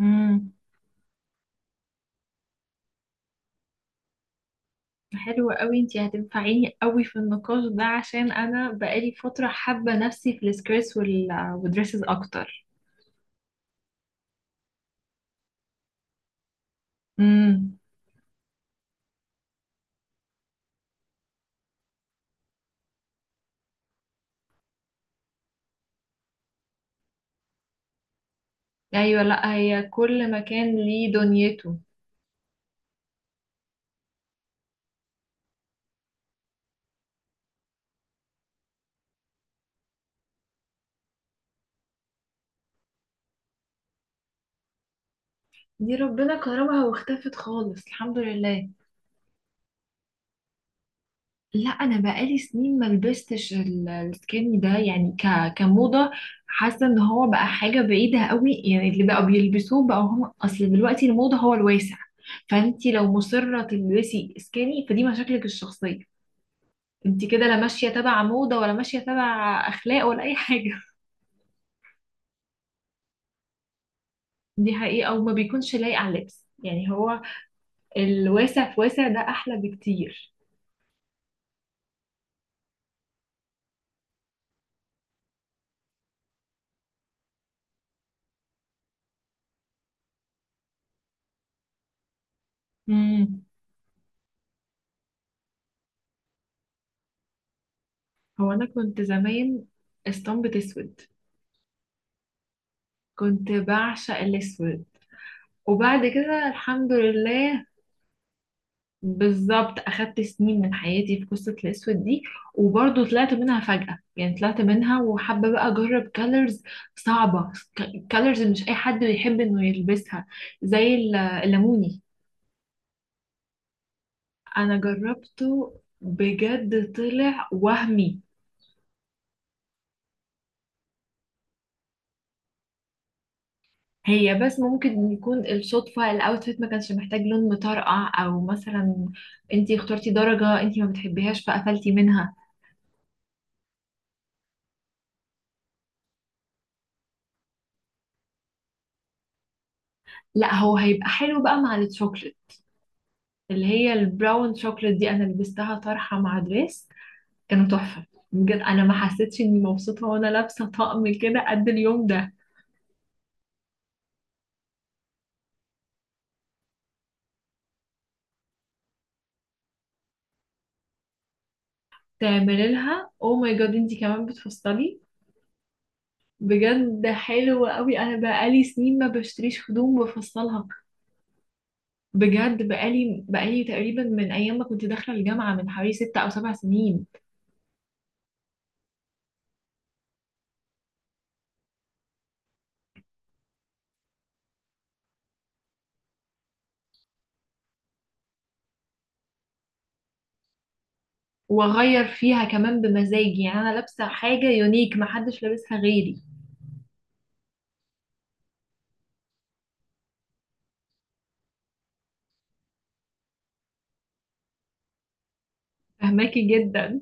امم. حلوة قوي انتي، هتنفعيني قوي في النقاش ده عشان انا بقالي فترة حابة نفسي في السكريس والدريسز اكتر. امم. ايوه، لا، هي كل مكان ليه دنيته. دي ربنا كرمها واختفت خالص، الحمد لله. لا، انا بقالي سنين ما لبستش السكيني ده، يعني كموضه حاسه ان هو بقى حاجه بعيده قوي. يعني اللي بقى بيلبسوه بقى هم، اصل دلوقتي الموضه هو الواسع. فانتي لو مصره تلبسي سكيني فدي مشاكلك الشخصيه. انتي كده لا ماشيه تبع موضه، ولا ماشيه تبع اخلاق، ولا اي حاجه. دي حقيقه، او ما بيكونش لايق على اللبس. يعني هو الواسع في واسع ده احلى بكتير. امم. هو انا كنت زمان اسطمبة اسود. كنت بعشق الاسود، وبعد كده الحمد لله. بالظبط، اخدت سنين من حياتي في قصة الاسود دي. وبرضه طلعت منها فجأة، يعني طلعت منها وحابة بقى اجرب كالرز. صعبة. كالرز مش اي حد بيحب انه يلبسها. زي الليموني. انا جربته، بجد طلع وهمي. هي بس ممكن يكون الصدفة الاوتفيت ما كانش محتاج لون مطرقع، او مثلا انتي اخترتي درجة انتي ما بتحبيهاش فقفلتي منها. لا، هو هيبقى حلو بقى مع الشوكليت، اللي هي البراون شوكليت دي، انا لبستها طرحه مع دريس. كانوا تحفه. بجد، انا ما حسيتش اني مبسوطه وانا لابسه طقم كده قد اليوم ده. تعملي لها، او ماي جاد انتي كمان بتفصلي؟ بجد ده حلو قوي، انا بقالي سنين ما بشتريش هدوم بفصلها. بجد بقالي تقريبا من ايام ما كنت داخله الجامعه، من حوالي 6 او 7 سنين. واغير فيها كمان بمزاجي، يعني انا لابسه حاجه يونيك محدش لابسها غيري. فهماكي جدا.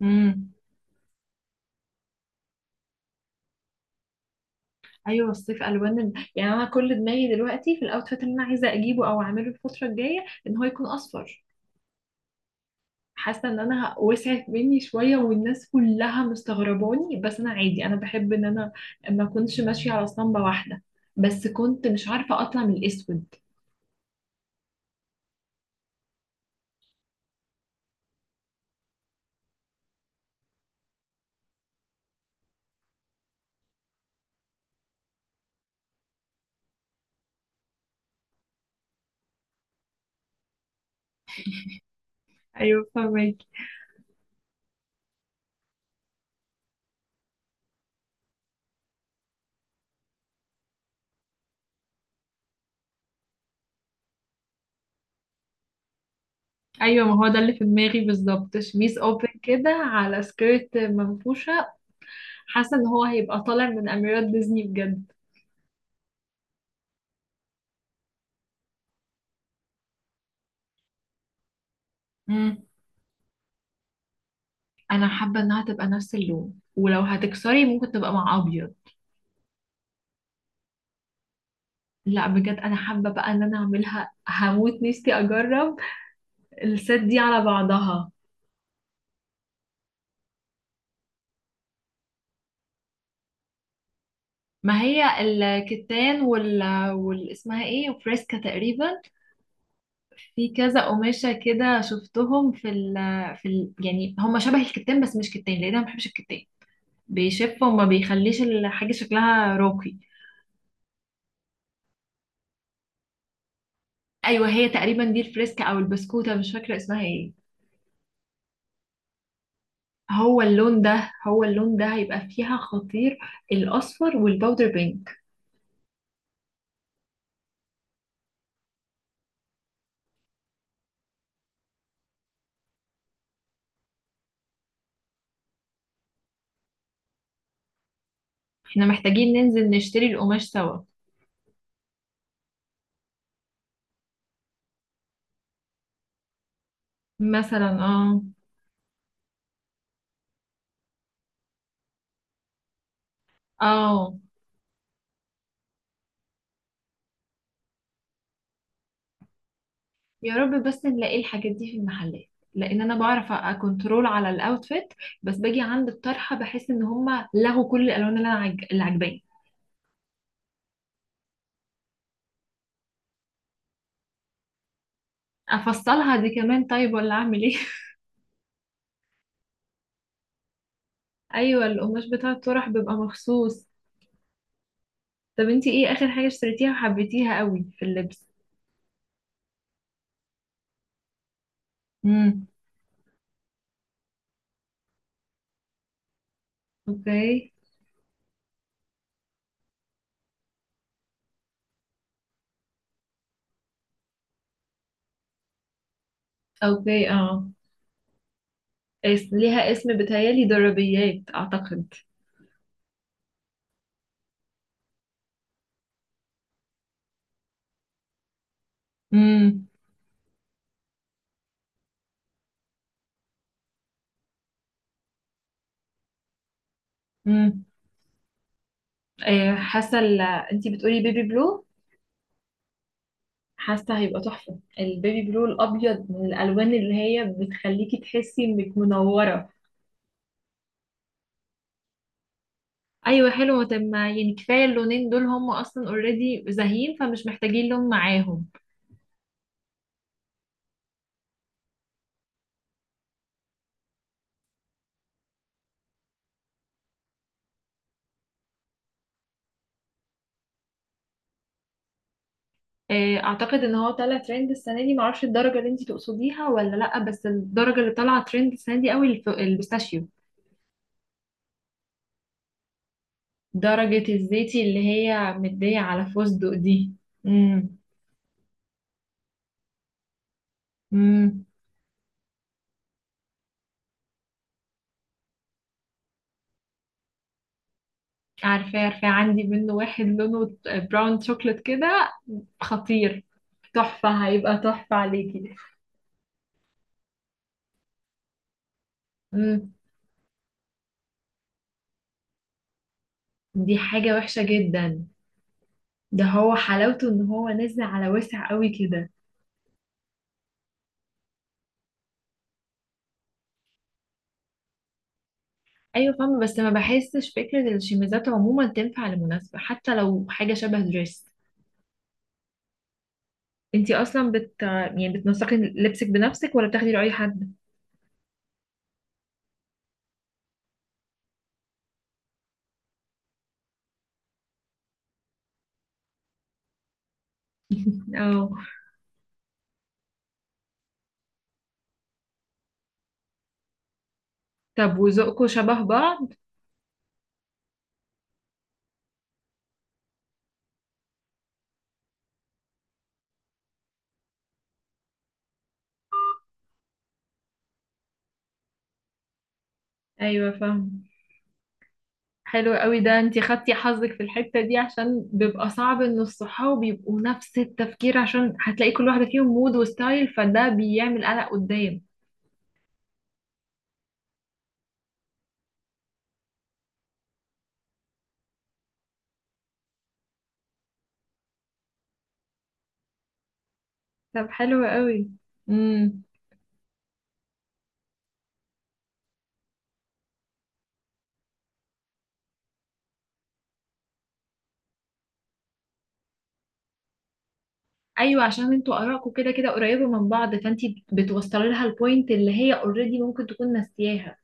امم. ايوه، الصيف الوان يعني انا كل دماغي دلوقتي في الاوتفيت اللي انا عايزه اجيبه او اعمله الفتره الجايه ان هو يكون اصفر. حاسه ان انا وسعت مني شويه، والناس كلها مستغرباني، بس انا عادي، انا بحب ان انا ما اكونش ماشيه على اسطمبه واحده. بس كنت مش عارفه اطلع من الاسود. ايوه، فاهمك. ايوه، ما هو ده اللي في دماغي بالظبط، شميس اوبن كده على سكيرت منفوشه. حاسه ان هو هيبقى طالع من اميرات ديزني بجد. انا حابه انها تبقى نفس اللون، ولو هتكسري ممكن تبقى مع ابيض. لا بجد، انا حابه بقى ان انا اعملها، هموت نفسي اجرب. الست دي على بعضها. ما هي الكتان وال اسمها ايه، وفريسكا تقريبا. في كذا قماشه كده شفتهم في ال. يعني هم شبه الكتان بس مش كتان لان انا ما بحبش الكتان. بيشف وما بيخليش الحاجه شكلها راقي. ايوه، هي تقريبا دي الفريسكا او البسكوته، مش فاكره اسمها ايه. هو اللون ده هيبقى فيها خطير. الأصفر والباودر بينك. احنا محتاجين ننزل نشتري القماش سوا. مثلا، اه. اه. يا رب بس نلاقي الحاجات دي في المحلات، لان انا بعرف اكنترول على الاوتفيت، بس باجي عند الطرحه بحس ان هما لغوا كل الالوان اللي انا اللي عجباني. افصلها دي كمان طيب، ولا اعمل ايه؟ ايوه، القماش بتاع الطرح بيبقى مخصوص. طب انتي ايه اخر حاجه اشتريتيها وحبيتيها قوي في اللبس؟ امم. اوكي. اوكي، اه. ليها اسم بتهيألي ضربيات، أعتقد. امم. امم. آه، حاسة انتي بتقولي بيبي بلو. حاسة هيبقى تحفة، البيبي بلو الأبيض من الألوان اللي هي بتخليكي تحسي إنك منورة. أيوة حلوة. طب ما يعني كفاية اللونين دول، هم أصلا اوريدي زاهيين فمش محتاجين لون معاهم. آه، أعتقد إن هو طالع ترند السنة دي، معرفش الدرجة اللي انتي تقصديها ولا لأ، بس الدرجة اللي طالعة ترند السنة دي قوي البيستاشيو. درجة الزيتي اللي هي مدية على فستق دي. امم. امم. عارفاه عارفاه، عندي منه واحد لونه براون شوكليت كده، خطير. تحفة، هيبقى تحفة عليكي. امم. دي حاجة وحشة جدا. ده هو حلاوته ان هو نازل على واسع قوي كده. ايوه فاهمة، بس ما بحسش فكرة الشميزات عموما تنفع لمناسبة، حتى لو حاجة شبه دريس. انتي اصلا يعني بتنسقي لبسك بنفسك ولا بتاخدي رأي حد؟ اه. طب وذوقكوا شبه بعض؟ ايوه فاهم. حلو قوي ده، انتي خدتي حظك في الحتة دي، عشان بيبقى صعب ان الصحاب يبقوا نفس التفكير، عشان هتلاقي كل واحدة فيهم مود وستايل، فده بيعمل قلق قدام. طب حلو قوي. امم. ايوه، عشان انتوا ارائكم كده كده قريبة من بعض، فانتي بتوصلي لها البوينت اللي هي اوريدي ممكن تكون ناسياها.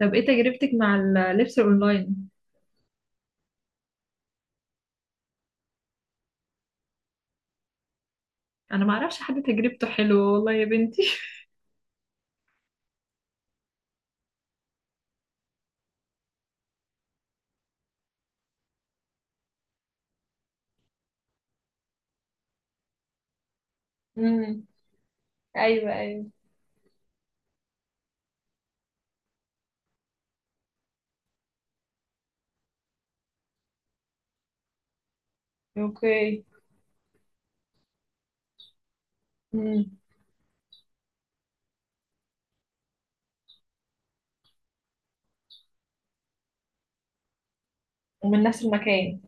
طب ايه تجربتك مع اللبس الاونلاين؟ انا ما اعرفش حد تجربته حلوه والله يا بنتي. امم. ايوه، ايوه. اوكي. امم. ومن نفس المكان.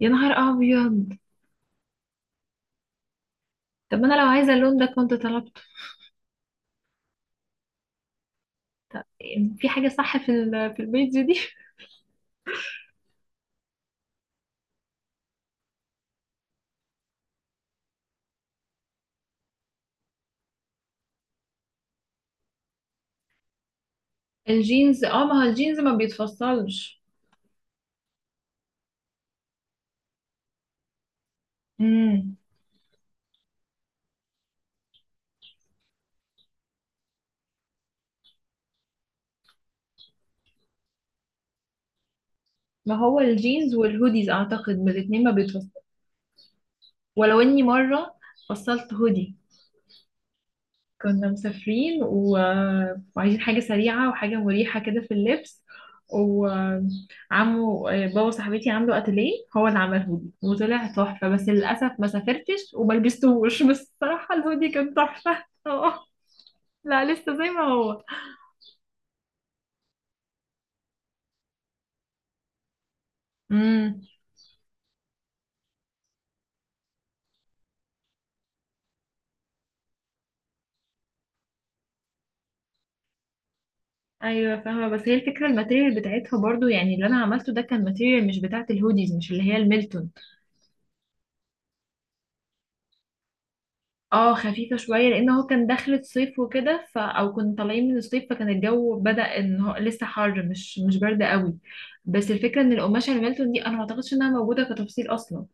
يا نهار ابيض. طب انا لو عايزه اللون ده كنت طلبته. في حاجه صح في في البيتزا دي. الجينز، اه، ما هو الجينز ما بيتفصلش. امم. ما هو الجينز والهوديز، اعتقد من الاتنين ما بيتفصلش. ولو اني مره فصلت هودي، كنا مسافرين وعايزين حاجه سريعه وحاجه مريحه كده في اللبس. وعمو بابا صاحبتي عنده اتيليه، هو اللي عمل هودي وطلع تحفه، بس للاسف ما سافرتش وما لبستهوش. بس الصراحه الهودي كان تحفه. اه. لا لسه زي ما هو. امم. ايوه فاهمه، بس هي الفكره الماتيريال بتاعتها برضو، يعني اللي انا عملته ده كان ماتيريال مش بتاعه الهوديز، مش اللي هي الميلتون. اه خفيفه شويه، لان هو كان دخلة صيف وكده، ف او كنا طالعين من الصيف، فكان الجو بدأ ان هو لسه حر، مش برد قوي. بس الفكره ان القماشه الميلتون دي انا ما اعتقدش انها موجوده كتفصيل اصلا.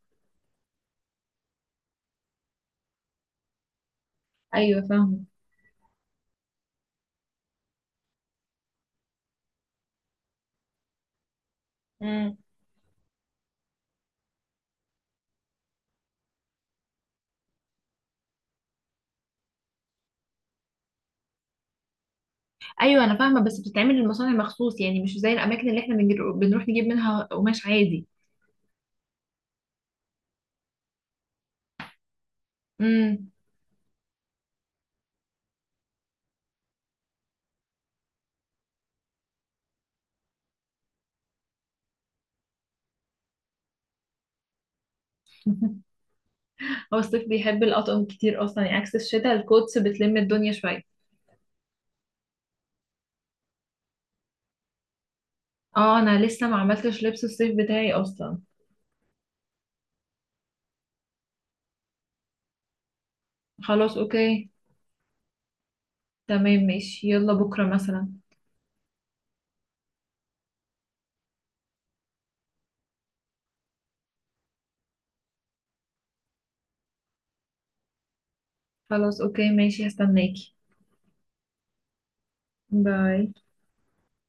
ايوه فاهمه. امم. ايوه انا فاهمه، بس بتتعمل للمصانع مخصوص، يعني مش زي الاماكن اللي احنا بنروح نجيب منها قماش عادي. امم. هو الصيف بيحب الأطقم كتير أصلا، يعني عكس الشتاء الكوتس بتلم الدنيا شوية. اه أنا لسه ما عملتش لبس الصيف بتاعي أصلا. خلاص أوكي. تمام ماشي، يلا بكرة مثلا. خلاص أوكي ماشي، هستناكي. باي.